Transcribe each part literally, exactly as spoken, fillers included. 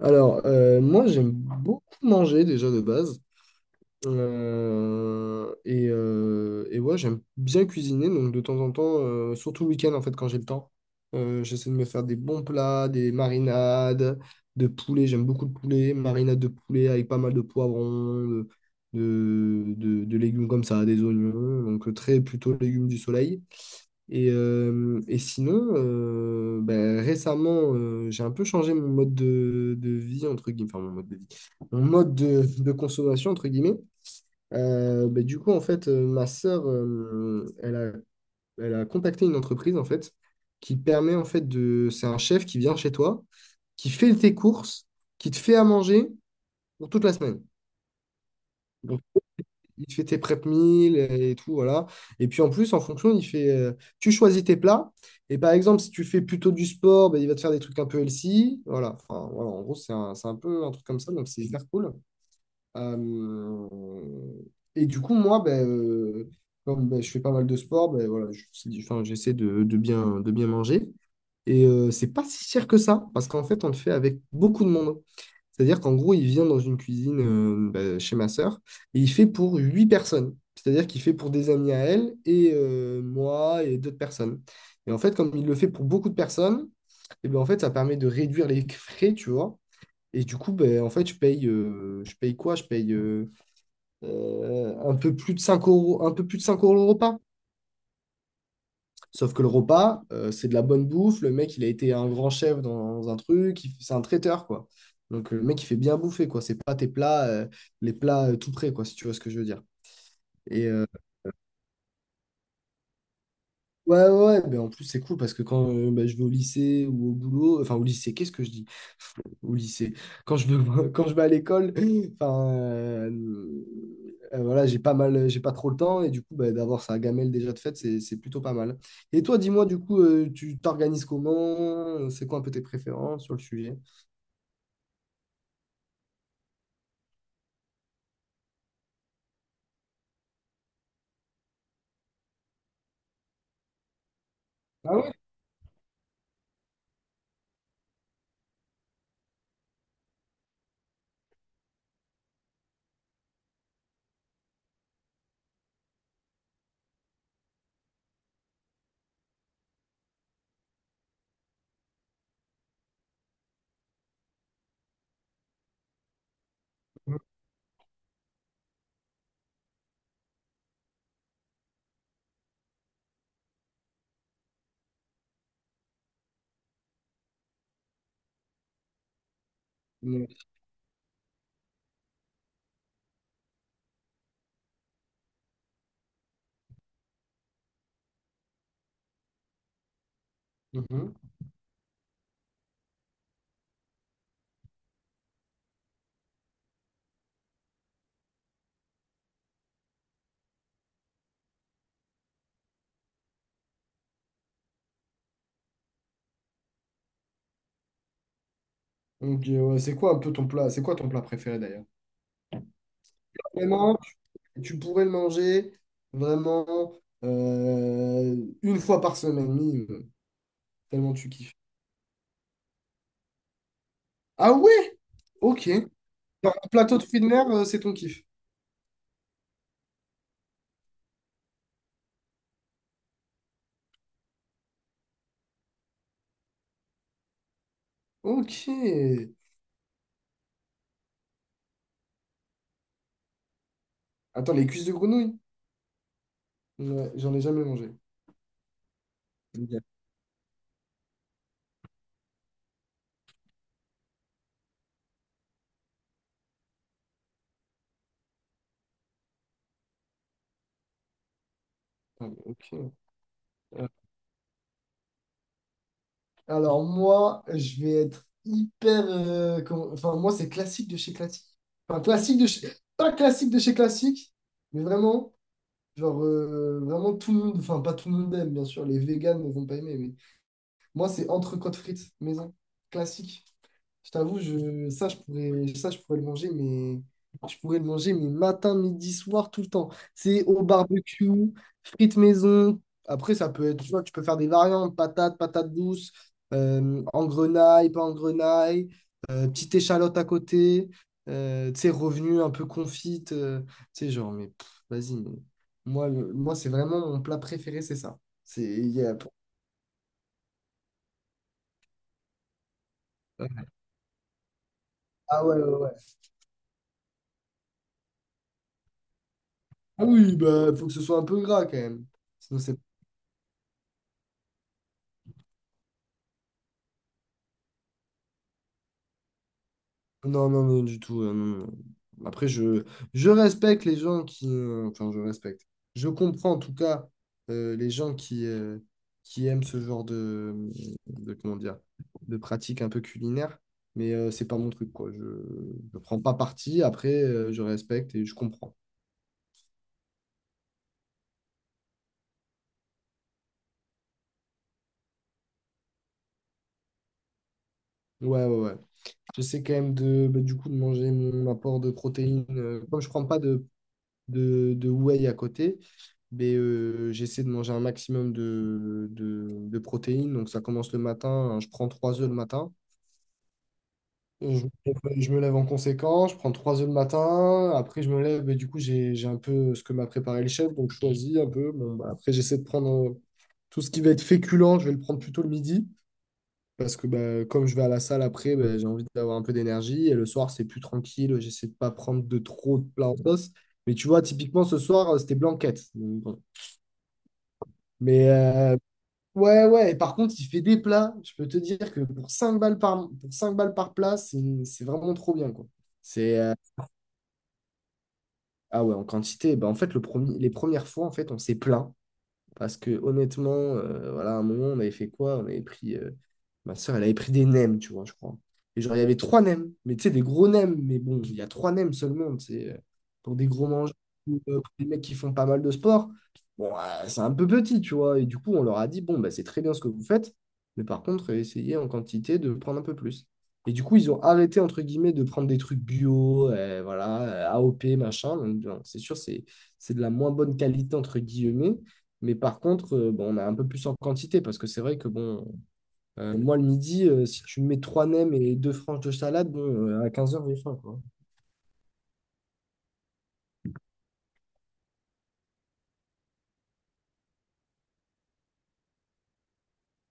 Alors, euh, moi, j'aime beaucoup manger déjà de base. Euh, et, euh, et ouais, j'aime bien cuisiner. Donc, de temps en temps, euh, surtout le week-end, en fait, quand j'ai le temps, euh, j'essaie de me faire des bons plats, des marinades de poulet. J'aime beaucoup le poulet. Marinade de poulet avec pas mal de poivrons, de, de, de- de légumes comme ça, des oignons. Donc, euh, très plutôt légumes du soleil. Et, euh, et sinon, euh, ben, récemment, euh, j'ai un peu changé mon mode de, de vie, entre guillemets, enfin mon mode de vie, mon mode de, de consommation, entre guillemets. Euh, ben, du coup, en fait, euh, ma sœur, euh, elle a, elle a contacté une entreprise, en fait, qui permet, en fait, de... C'est un chef qui vient chez toi, qui fait tes courses, qui te fait à manger pour toute la semaine. Il te fait tes prep meals et tout, voilà. Et puis en plus, en fonction, il fait, euh, tu choisis tes plats. Et par exemple, si tu fais plutôt du sport, ben, il va te faire des trucs un peu healthy. Voilà. Enfin, voilà, en gros, c'est un, c'est un peu un truc comme ça, donc c'est hyper cool. Euh, et du coup, moi, ben, euh, comme ben, je fais pas mal de sport, ben, voilà, je- c'est- enfin, j'essaie de, de bien, de bien manger. Et euh, c'est pas si cher que ça, parce qu'en fait, on le fait avec beaucoup de monde. C'est-à-dire qu'en gros, il vient dans une cuisine, euh, bah, chez ma sœur et il fait pour huit personnes. C'est-à-dire qu'il fait pour des amis à elle et euh, moi et d'autres personnes. Et en fait, comme il le fait pour beaucoup de personnes, et ben en fait, ça permet de réduire les frais, tu vois. Et du coup, ben, en fait, je paye, euh, je paye quoi? Je paye, euh, euh, un peu plus de cinq euros, un peu plus de cinq euros le repas. Sauf que le repas, euh, c'est de la bonne bouffe. Le mec, il a été un grand chef dans un truc. il- C'est un traiteur, quoi. Donc, euh, le mec, il fait bien bouffer, quoi. C'est pas tes plats, euh, les plats, euh, tout prêts, quoi, si tu vois ce que je veux dire. Et euh, ouais, ouais, ouais. Ben, en plus, c'est cool parce que quand, euh, ben, je vais au lycée ou au boulot, enfin, au lycée, qu'est-ce que je dis? Au lycée. Quand je veux, quand je vais à l'école, enfin, euh, euh, voilà, j'ai pas mal, j'ai pas trop le temps et du coup, bah, d'avoir sa gamelle déjà de fait, c'est c'est plutôt pas mal. Et toi, dis-moi, du coup, euh, tu t'organises comment? Euh, C'est quoi un peu tes préférences sur le sujet? Ah ouais? Mhm. Mhm. Ok, ouais, c'est quoi un peu ton plat? C'est quoi ton plat préféré d'ailleurs? Vraiment, tu tu pourrais le manger vraiment, euh, une fois par semaine minimum, tellement tu kiffes. Ah ouais? Ok. Genre, plateau de fruits de mer, euh, c'est ton kiff. Ok. Attends, les cuisses de grenouille? Ouais, j'en ai jamais mangé. Ok. Ah, mais ok. Euh, Alors, moi, je vais être hyper. euh, comment- enfin, moi, c'est classique de chez classique. Enfin, classique de chez. Pas classique de chez classique, mais vraiment, genre, euh, vraiment tout le monde. Enfin, pas tout le monde aime, bien sûr. Les véganes ne vont pas aimer, mais moi, c'est entrecôte frites maison. Classique. Je t'avoue, je, ça, je pourrais, ça, je pourrais le manger, mais je pourrais le manger, mais matin, midi, soir, tout le temps. C'est au barbecue, frites maison. Après, ça peut être, tu vois, tu peux faire des variantes, patates, patates douces, euh, en grenaille, pas en grenaille, euh, petite échalote à côté, euh, tu sais, revenu un peu confite, euh, tu sais, genre, mais pff, vas-y, mais moi, le- moi c'est vraiment mon plat préféré, c'est ça. C'est, il y a- euh, Ah ouais, ouais, ouais. Ah oui, bah, faut que ce soit un peu gras quand même. Sinon, c'est Non, non, non, du tout. Euh, non, non. Après, je, je respecte les gens qui, euh, enfin, je respecte. Je comprends en tout cas, euh, les gens qui, euh, qui aiment ce genre de, de, comment dire, de pratique un peu culinaire, mais euh, c'est pas mon truc, quoi. Je ne prends pas parti. Après, euh, je respecte et je comprends. Ouais, ouais, ouais. J'essaie quand même de, bah, du coup, de manger mon apport de protéines. Euh, comme je prends pas de de, de whey à côté. Mais euh, j'essaie de manger un maximum de, de, de protéines. Donc ça commence le matin, hein. Je prends trois œufs le matin. Je, je me lève en conséquence. Je prends trois œufs le matin. Après, je me lève. Et du coup, j'ai, j'ai un peu ce que m'a préparé le chef. Donc je choisis un peu. Bon, bah, après, j'essaie de prendre, euh, tout ce qui va être féculent. Je vais le prendre plutôt le midi. Parce que bah, comme je vais à la salle après, bah, j'ai envie d'avoir un peu d'énergie. Et le soir, c'est plus tranquille. J'essaie de pas prendre de trop de plats en sauce. Mais tu vois, typiquement, ce soir, euh, c'était blanquette. Donc, bon. Mais euh, ouais, ouais. Et par contre, il fait des plats. Je peux te dire que pour cinq balles par, pour cinq balles par plat, c'est c'est vraiment trop bien, quoi. C'est, euh, Ah ouais, en quantité. Bah, en fait, le premier, les premières fois, en fait, on s'est plaint. Parce que honnêtement, euh, voilà, à un moment, on avait fait quoi? On avait pris. Euh, ma soeur, elle avait pris des nems, tu vois, je crois. Et genre, il y avait trois nems, mais tu sais, des gros nems. Mais bon, il y a trois nems seulement, tu sais, euh, pour des gros mangeurs, ou, euh, pour des mecs qui font pas mal de sport. Bon, euh, c'est un peu petit, tu vois. Et du coup, on leur a dit, bon, bah, c'est très bien ce que vous faites, mais par contre, euh, essayez en quantité de prendre un peu plus. Et du coup, ils ont arrêté, entre guillemets, de prendre des trucs bio, euh, voilà, euh, A O P, machin. Donc, non, c'est sûr, c'est c'est de la moins bonne qualité, entre guillemets. Mais par contre, euh, bon, on a un peu plus en quantité parce que c'est vrai que bon, euh, moi le midi, euh, si tu me mets trois nems et deux franges de salade, bon, euh, à quinze heures, j'ai faim, quoi.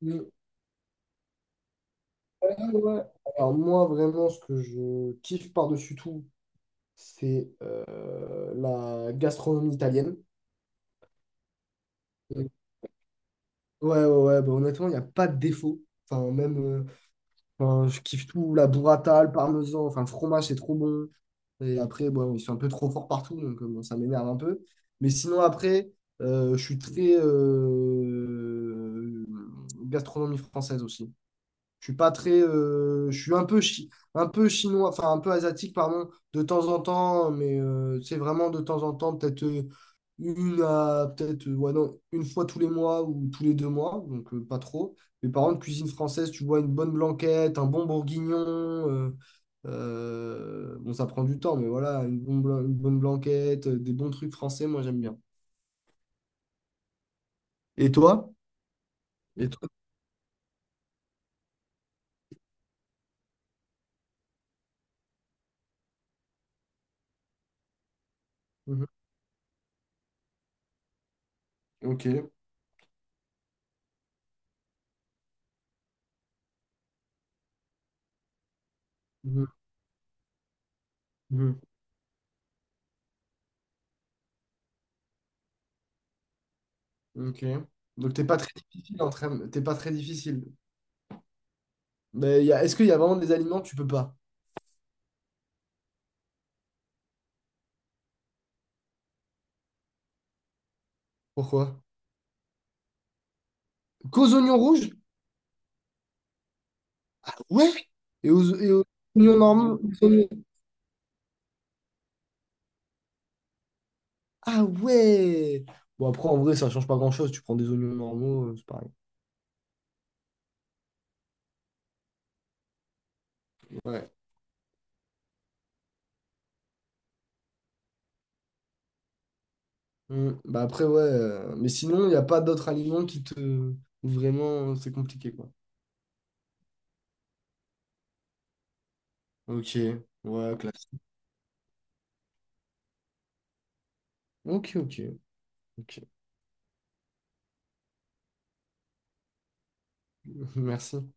Mais, ah ouais. Alors moi, vraiment, ce que je kiffe par-dessus tout, c'est, euh, la gastronomie italienne. Mm. Ouais, ouais, ouais, bah, honnêtement, il n'y a pas de défaut. Enfin, même, euh, Enfin, je kiffe tout, la burrata, le parmesan, enfin le fromage c'est trop bon. Et après, bon, ils sont un peu trop forts partout, donc euh, bon, ça m'énerve un peu. Mais sinon après, euh, je suis très, euh, gastronomie française aussi. Je suis pas très. Euh, je suis un peu, chi- un peu chinois, enfin un peu asiatique, pardon, de temps en temps, mais euh, c'est vraiment de temps en temps, peut-être, euh, une à- peut-être, euh, ouais, non, une fois tous les mois ou tous les deux mois, donc euh, pas trop. Mais par contre, cuisine française, tu vois, une bonne blanquette, un bon bourguignon. euh, euh, bon, ça prend du temps, mais voilà, une bonne, blan- une bonne blanquette, euh, des bons trucs français, moi j'aime bien. Et toi? Et toi? Mhm. Ok. Mhm. Mhm. Ok. Donc, t'es pas très difficile en train- t'es pas très difficile. Mais y a- est-ce qu'il y a vraiment des aliments que tu peux pas? Pourquoi? Qu'aux oignons rouges? Ouais. Et aux, et aux oignons normaux? aux oignons- Ah ouais! Bon, après, en vrai, ça change pas grand-chose. Tu prends des oignons normaux, euh, c'est pareil. Ouais. Mm. Bah, après, ouais. euh, Mais sinon, il n'y a pas d'autres aliments qui te... Vraiment, euh, c'est compliqué, quoi. Ok. Ouais, classe. Ok, ok. Ok. Merci.